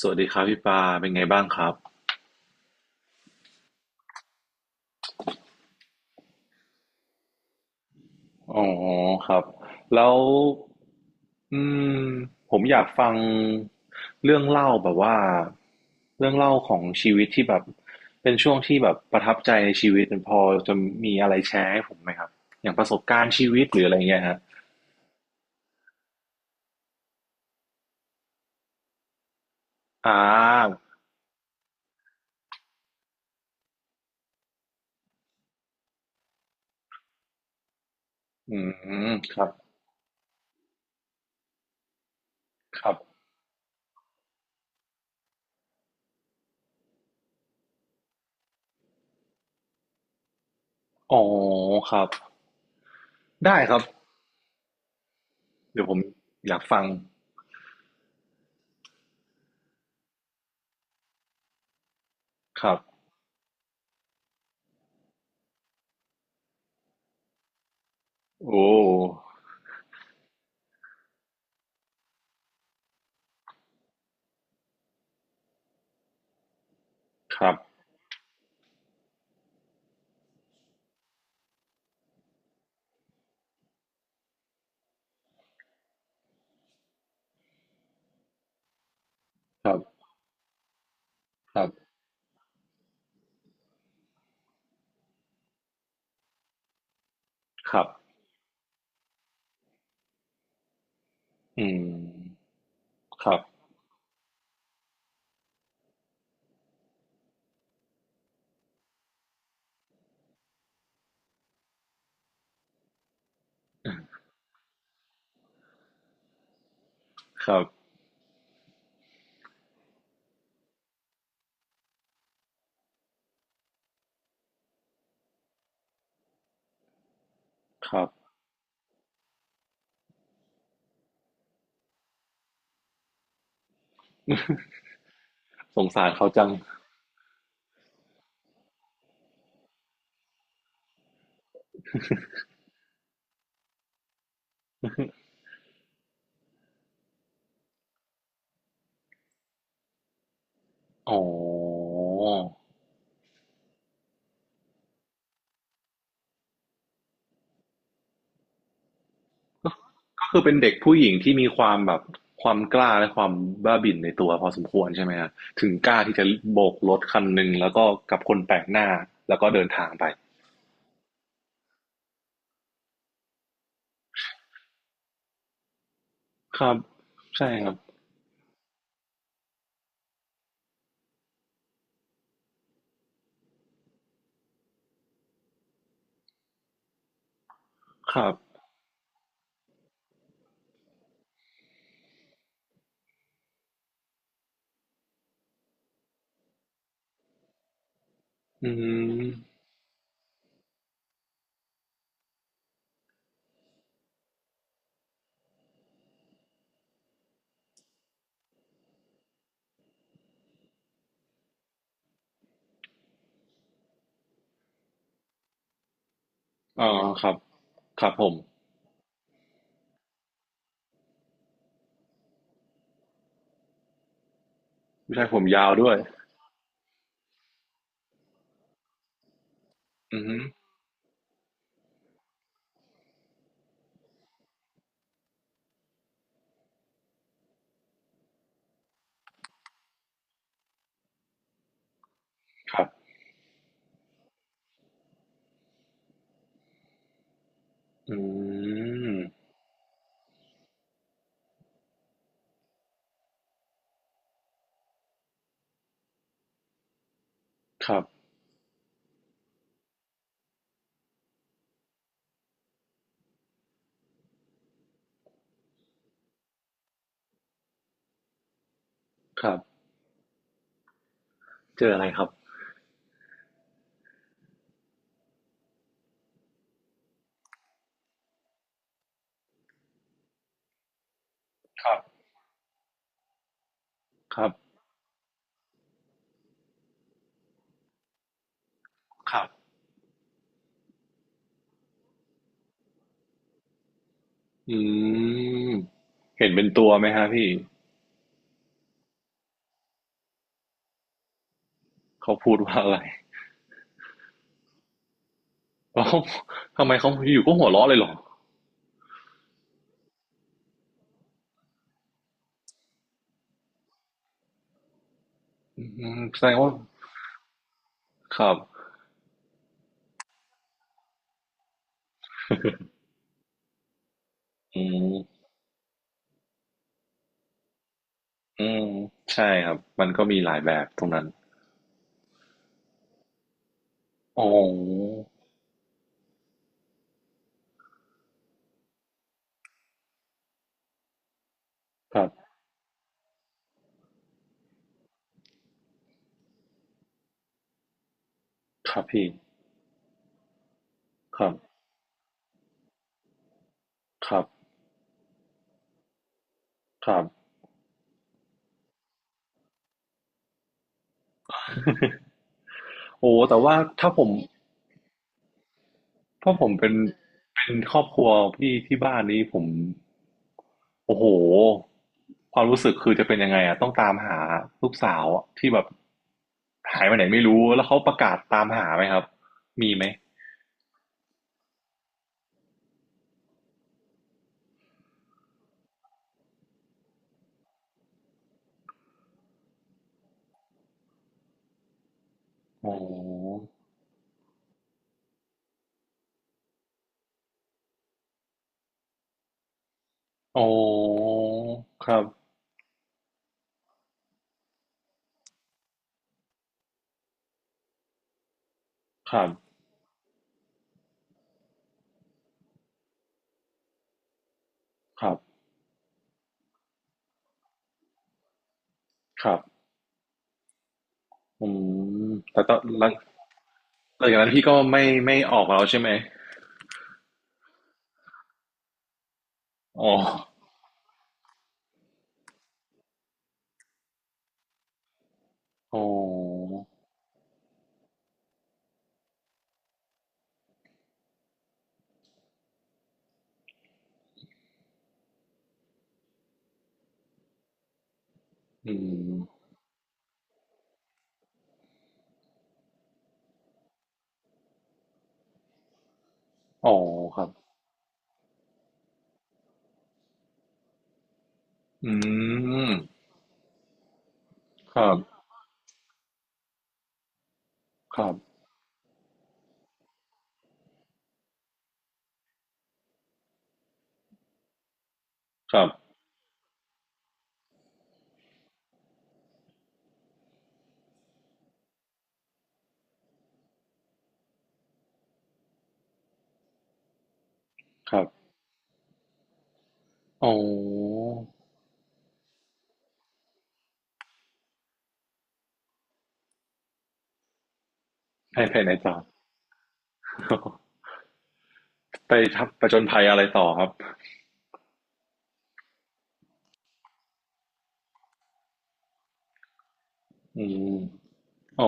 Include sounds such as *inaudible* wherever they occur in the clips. สวัสดีครับพี่ปาเป็นไงบ้างครับอ๋อครับแล้วอืมผมอยากฟังเรื่องเล่าแบบว่าเรื่องเล่าของชีวิตที่แบบเป็นช่วงที่แบบประทับใจในชีวิตพอจะมีอะไรแชร์ให้ผมไหมครับอย่างประสบการณ์ชีวิตหรืออะไรเงี้ยฮะอ่าอืมครับครับอ๋อครับได้ครับเดี๋ยวผมอยากฟังครับโอ้ครับครับครับครับอืม ครับครับครับสงสารเขาจัง *laughs* อ๋อก็คือเป็นเด็กผู้หญิงที่มีความแบบความกล้าและความบ้าบิ่นในตัวพอสมควรใช่ไหมฮะถึงกล้าที่จะโบกรถคันหนึ่งแล้วก็กับคนแปลกหน้าแล้วก็เดินทางไปครับใช่ครับ ครับอืมอ๋อครับครับผมผู้ชายผมยาวด้วยอืมครับอืมครับ ครับเจออะไรครับครับครับครับ อืมเห็นเป็นตัวไหมฮะพี่เขาพูดว่าอะไรแล้วเขาทำไมเขาอยู่ก็หัวเราะเลยเหรออืแสดงว่าครับอืมอืมใช่ครับมันก็มีหลายแบบตรงนั้นอ๋อครับครับพี่ครับครับครับ *laughs* โอ้แต่ว่าถ้าผมถ้าผมเป็นเป็นครอบครัวพี่ที่บ้านนี้ผม โอ้โหความรู้สึกคือจะเป็นยังไงอ่ะต้องตามหาลูกสาวที่แบบหายไปไหนไม่รู้แล้วเขาประกาศตามหาไหมครับมีไหมโอ๋ออ้ครับครับครับครับอืแต่ตอนหลังหลังจากนั้นพี่ก็ไม่ไม่ออกแล้วใช่ไหมอ๋ออ๋ออืมอ๋อครับอืมครับครับครับครับอ๋อให้ภายในจอ ไปทบประจนภัยอะไรต่อครับอืมอ๋อ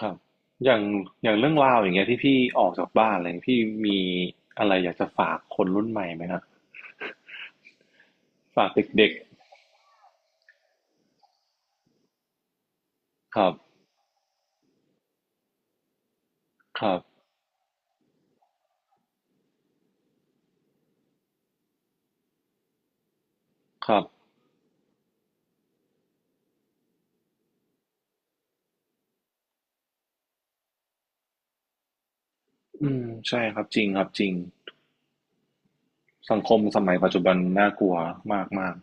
ครับอย่างอย่างเรื่องราวอย่างเงี้ยที่พี่ออกจากบ้านอะไรีพี่มีอะไรอยากจะฝากคนรุ่นใหม่ไหมครับฝากเด็กๆครับครับครับอืมใช่ครับจริงครับจริงสังคมสมัยปัจจุบันน่ากลัวมากมาก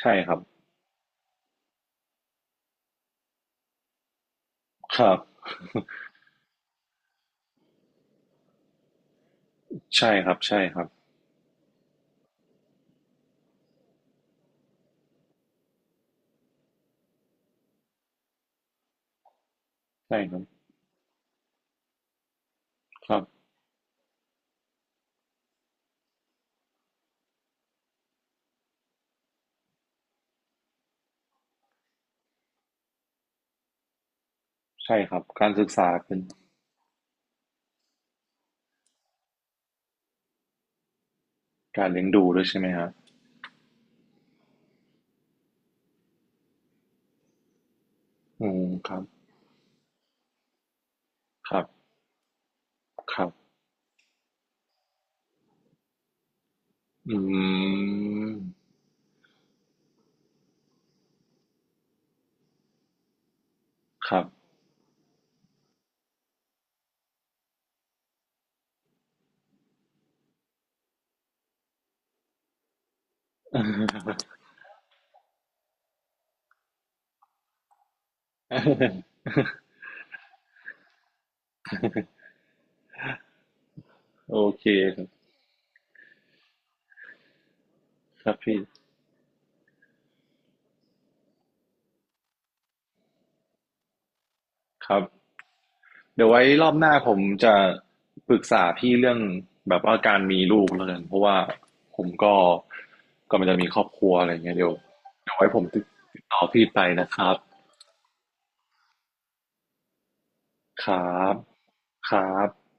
ใช่ครับครับใช่ครับใช่ครับใช่ครับครับใช่ครับ การศึกษาเป็นการเลี้ยงดูด้วยใช่ไหมครับอืมครับครับครับอืม ครับ *laughs* โอเคครับครับพี่ครับเดี๋ยวไว้รอบหน้าผมจะปรึกษาพี่เรื่องแบบว่าการมีลูกแล้วกันเพราะว่าผมก็กำลังจะมีครอบครัวอะไรเงี้ยเดี๋ยวเดี๋ยวไว้ผมติดต่อพี่ไปนะครับครับครับ